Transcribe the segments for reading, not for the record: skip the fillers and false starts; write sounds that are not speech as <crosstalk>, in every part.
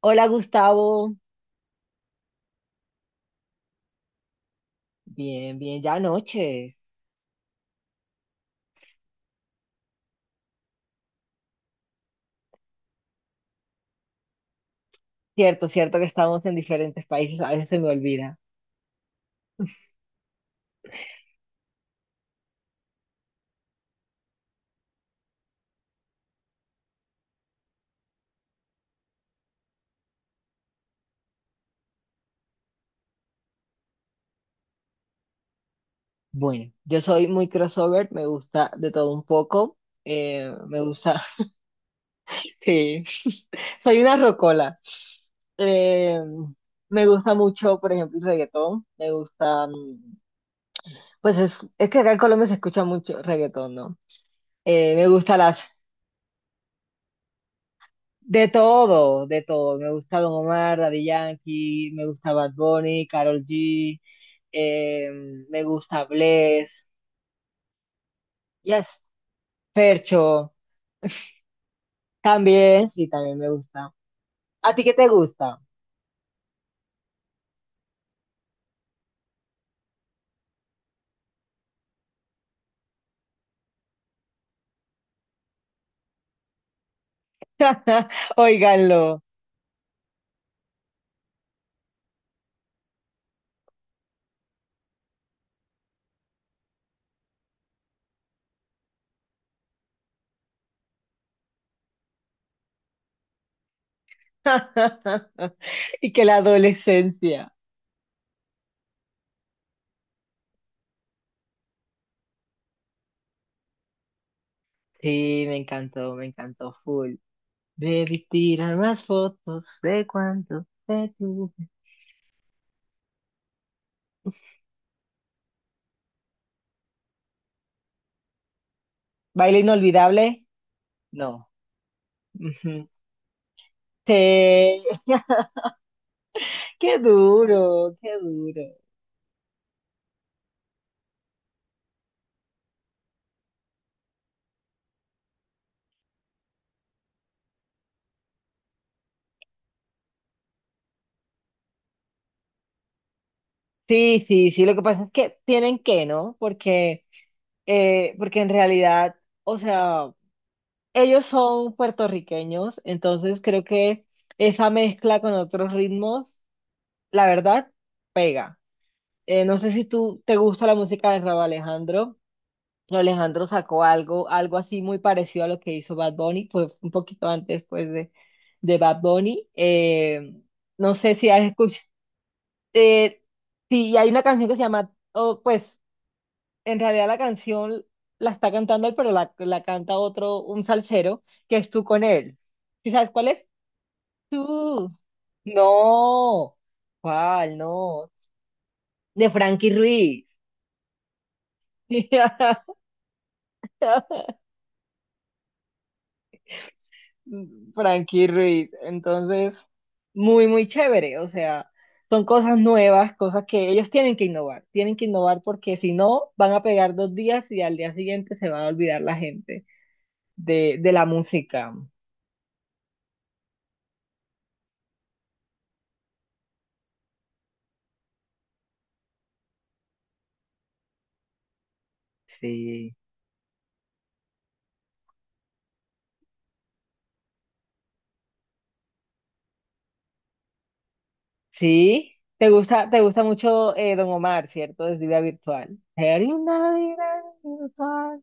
Hola Gustavo, bien, bien, ya noche. Cierto, cierto que estamos en diferentes países, a veces se me olvida. Bueno, yo soy muy crossover, me gusta de todo un poco, me gusta, <laughs> sí, <laughs> soy una rocola. Eh, Me gusta mucho, por ejemplo, el reggaetón, me gusta, pues es que acá en Colombia se escucha mucho reggaetón, ¿no? Me gusta las De todo, de todo. Me gusta Don Omar, Daddy Yankee, me gusta Bad Bunny, Karol G, eh, me gusta Bless, yes, Fercho, también, sí, también me gusta. ¿A ti qué te gusta? <laughs> Óiganlo. <laughs> Y que la adolescencia. Sí, me encantó full. Debí tirar más fotos de cuánto te tuve. ¿Baile inolvidable? No. Ujú. Sí. <laughs> Qué duro, qué duro. Sí, sí, sí, lo que pasa es que tienen que, ¿no? Porque en realidad, o sea, ellos son puertorriqueños, entonces creo que esa mezcla con otros ritmos, la verdad, pega. No sé si tú te gusta la música de Rauw Alejandro. Rauw Alejandro sacó algo, algo así muy parecido a lo que hizo Bad Bunny, pues un poquito antes, pues, de Bad Bunny. No sé si has escuchado. Eh, sí, y hay una canción que se llama, o pues en realidad la canción la está cantando él, pero la canta otro, un salsero, que es Tú con él. ¿Sí sabes cuál es? Tú. No. ¿Cuál? No. De Frankie Ruiz. <laughs> Frankie Ruiz. Entonces, muy, muy chévere. O sea, son cosas nuevas, cosas que ellos tienen que innovar. Tienen que innovar porque si no, van a pegar 2 días y al día siguiente se va a olvidar la gente. De la música. Sí. Sí. ¿Te gusta mucho Don Omar, cierto, desde vida virtual? Sería una vida virtual.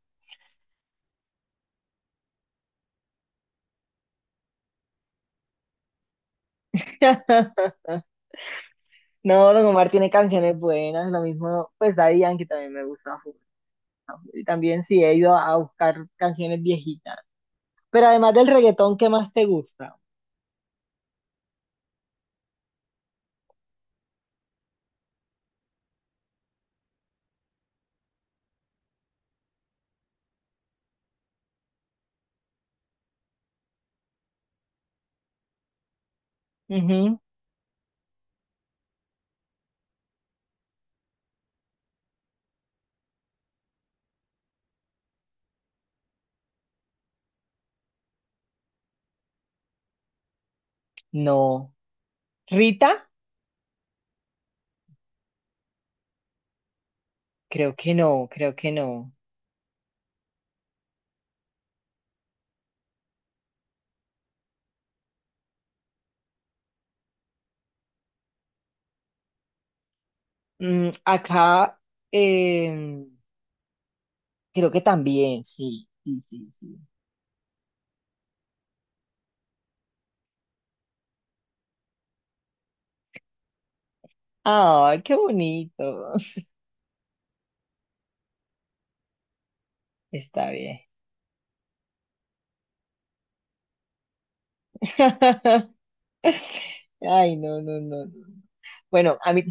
<laughs> No, Don Omar tiene canciones buenas, lo mismo, pues Daddy Yankee también me gusta full, ¿no? Y también sí he ido a buscar canciones viejitas. Pero además del reggaetón, ¿qué más te gusta? Ujú. No. ¿Rita? Creo que no, creo que no. Acá, em, creo que también, sí, sí, sí, sí. Ay, qué bonito. Está bien. <laughs> Ay, no, no, no, no. Bueno, a mí,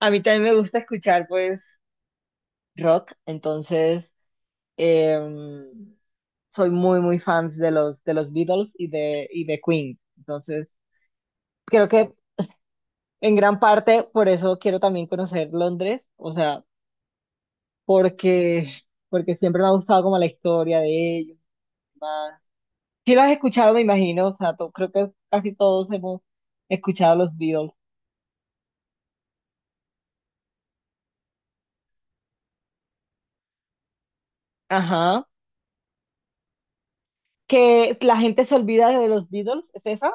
a mí también me gusta escuchar, pues, rock, entonces em, soy muy, muy fans de los Beatles y de Queen. Entonces, creo que en gran parte por eso quiero también conocer Londres, o sea, porque, porque, siempre me ha gustado como la historia de ellos. Sí lo has escuchado, me imagino, o sea, creo que casi todos hemos escuchado los Beatles. Ajá. Que la gente se olvida de los Beatles, ¿es esa?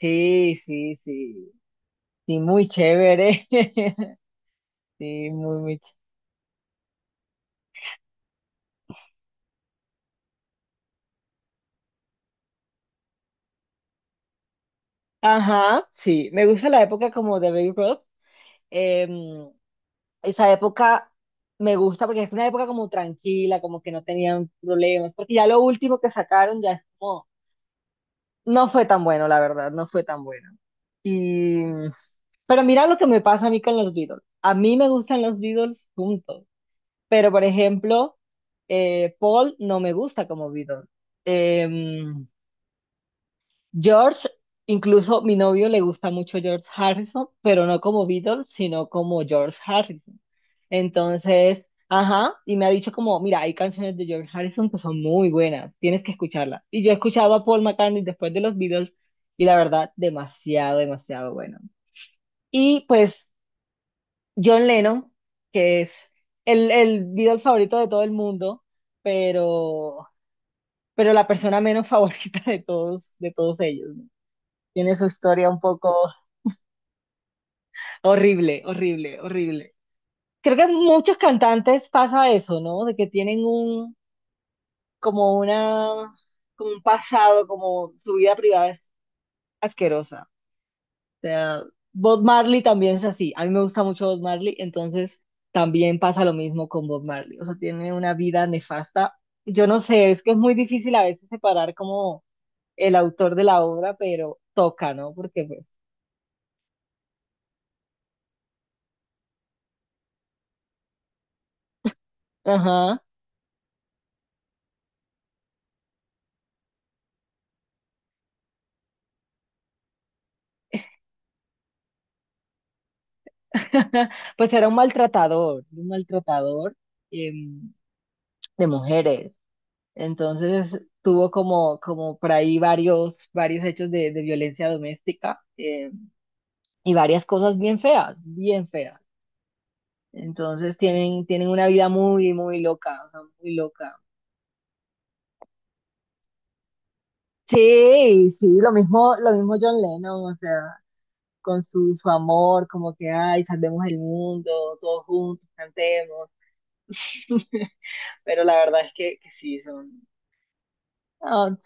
Sí, sí, sí. Sí, muy chévere. <laughs> Sí, muy, muy chévere. Ajá, sí. Me gusta la época como de Baby Ruth. Em, Esa época me gusta porque es una época como tranquila, como que no tenían problemas. Porque ya lo último que sacaron ya es como, no fue tan bueno, la verdad, no fue tan bueno. Y. Pero mira lo que me pasa a mí con los Beatles. A mí me gustan los Beatles juntos, pero por ejemplo, Paul no me gusta como Beatles. Em, George, incluso mi novio le gusta mucho George Harrison, pero no como Beatles, sino como George Harrison. Entonces, ajá, y me ha dicho como, mira, hay canciones de George Harrison que son muy buenas, tienes que escucharlas. Y yo he escuchado a Paul McCartney después de los Beatles, y la verdad, demasiado, demasiado bueno. Y pues John Lennon, que es el Beatle favorito de todo el mundo, pero, pero la persona menos <laughs> favorita de todos ellos, ¿no? Tiene su historia un poco. Horrible, horrible, horrible. Creo que muchos cantantes pasa eso, ¿no? De que tienen un, como una, como un pasado, como su vida privada es asquerosa. O sea, Bob Marley también es así. A mí me gusta mucho Bob Marley, entonces también pasa lo mismo con Bob Marley. O sea, tiene una vida nefasta. Yo no sé, es que es muy difícil a veces separar como el autor de la obra, pero toca, ¿no? Porque pues, ajá. <laughs> Pues era un maltratador em, de mujeres. Entonces tuvo como, por ahí varios, varios hechos de violencia doméstica, y varias cosas bien feas, bien feas. Entonces tienen una vida muy, muy loca, o sea, muy loca. Sí, sí, lo mismo John Lennon, o sea, con su amor, como que, ay, salvemos el mundo, todos juntos, cantemos. <laughs> Pero la verdad es que sí, son. Ah,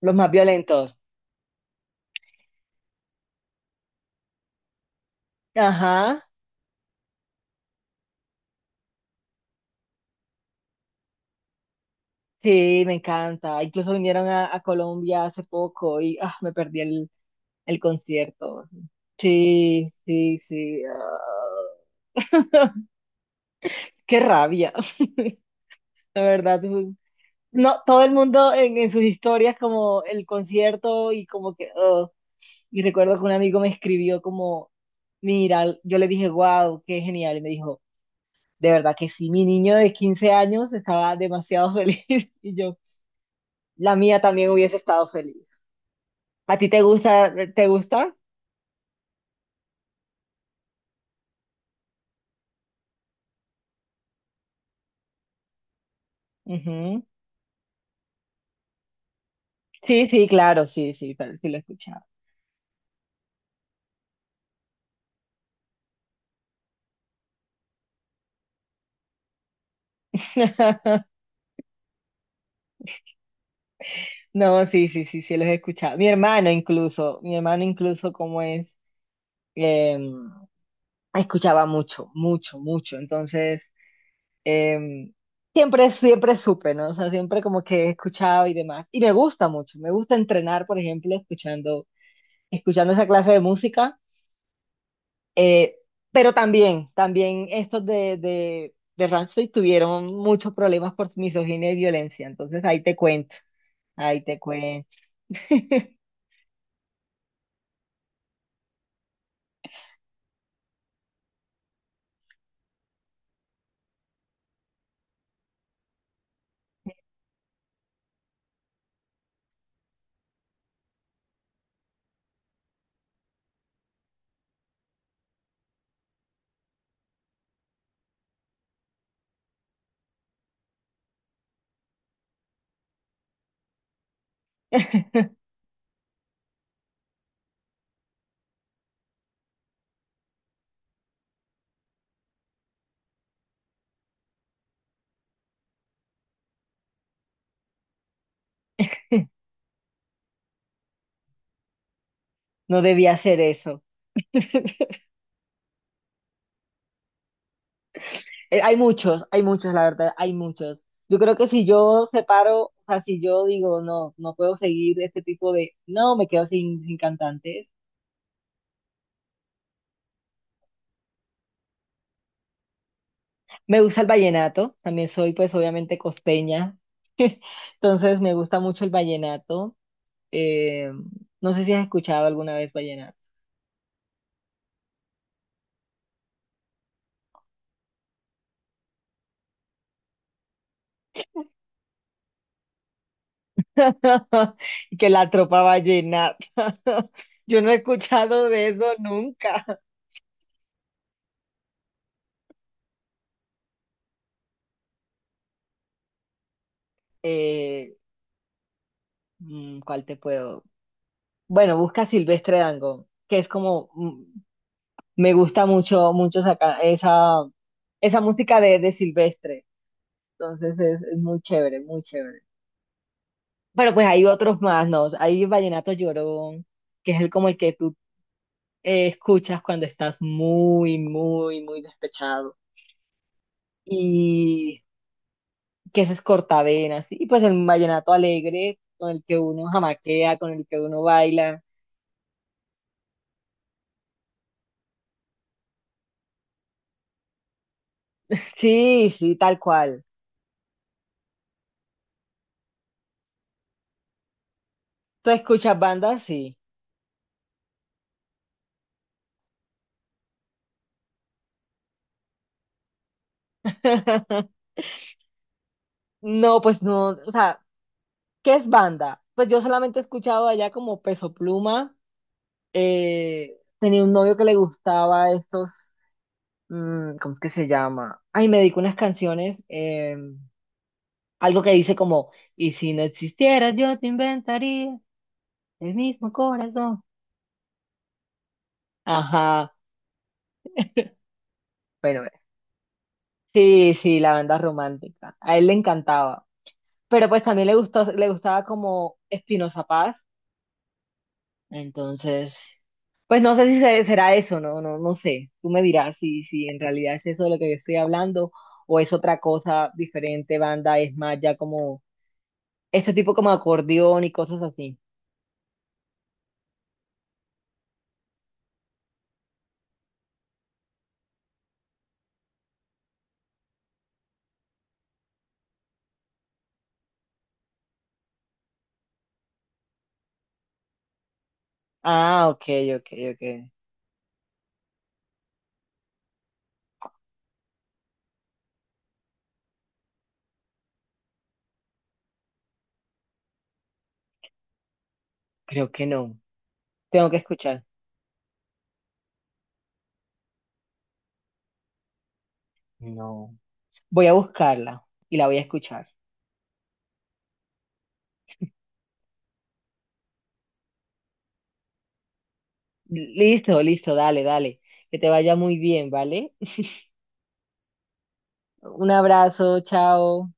los más violentos. Ajá, sí, me encanta. Incluso vinieron a Colombia hace poco y ah, me perdí el concierto. Sí, sí, sí. Ah. <laughs> Qué rabia. <laughs> La verdad, no, todo el mundo en sus historias como el concierto y como que, oh. Y recuerdo que un amigo me escribió como, mira, yo le dije, wow, qué genial. Y me dijo, de verdad que sí, mi niño de 15 años estaba demasiado feliz. <laughs> Y yo, la mía también hubiese estado feliz. ¿A ti te gusta? ¿Te gusta? Ujú. Sí, sí, claro, sí, sí, sí lo he escuchado. <laughs> No, sí, sí, sí, sí, los he escuchado. Mi hermano incluso como es, em, escuchaba mucho, mucho, mucho. Entonces, em, siempre, siempre supe, ¿no? O sea, siempre como que he escuchado y demás. Y me gusta mucho, me gusta entrenar, por ejemplo, escuchando, esa clase de música. Eh, pero también, también estos de Rancid tuvieron muchos problemas por misoginia y violencia. Entonces ahí te cuento, ahí te cuento. <laughs> No debía hacer eso. <laughs> Hay muchos, la verdad, hay muchos. Yo creo que si yo separo, o sea, si yo digo, no, no puedo seguir este tipo de, no, me quedo sin cantantes. Me gusta el vallenato, también soy pues obviamente costeña, <laughs> entonces me gusta mucho el vallenato. Eh, no sé si has escuchado alguna vez vallenato. <laughs> Que la tropa vallenata. <laughs> Yo no he escuchado de eso nunca. Eh, ¿Cuál te puedo? Bueno, busca Silvestre Dangond, que es como, me gusta mucho, mucho esa música de Silvestre. Entonces es muy chévere, muy chévere. Pero pues hay otros más, ¿no? Hay Vallenato Llorón, que es el como el que tú escuchas cuando estás muy, muy, muy despechado y que ese es cortavenas, y pues el vallenato alegre con el que uno jamaquea, con el que uno baila. Sí, sí, tal cual. ¿Tú escuchas banda? Sí. <laughs> No, pues no, o sea, ¿qué es banda? Pues yo solamente he escuchado allá como Peso Pluma, tenía un novio que le gustaba estos, ¿cómo es que se llama? Ay, me dedicó unas canciones, algo que dice como, y si no existieras yo te inventaría el mismo corazón. Ajá, bueno, bueno. Sí, sí, la banda romántica. A él le encantaba, pero pues también le gustó, le gustaba como Espinoza Paz, entonces, pues no sé si será eso, no, no, no sé. Tú me dirás si, en realidad es eso de lo que yo estoy hablando o es otra cosa diferente, banda, es más ya como este tipo como acordeón y cosas así. Ah, ok, ok, ok. Creo que no. Tengo que escuchar. No. Voy a buscarla y la voy a escuchar. Listo, listo, dale, dale. Que te vaya muy bien, ¿vale? Un abrazo, chao.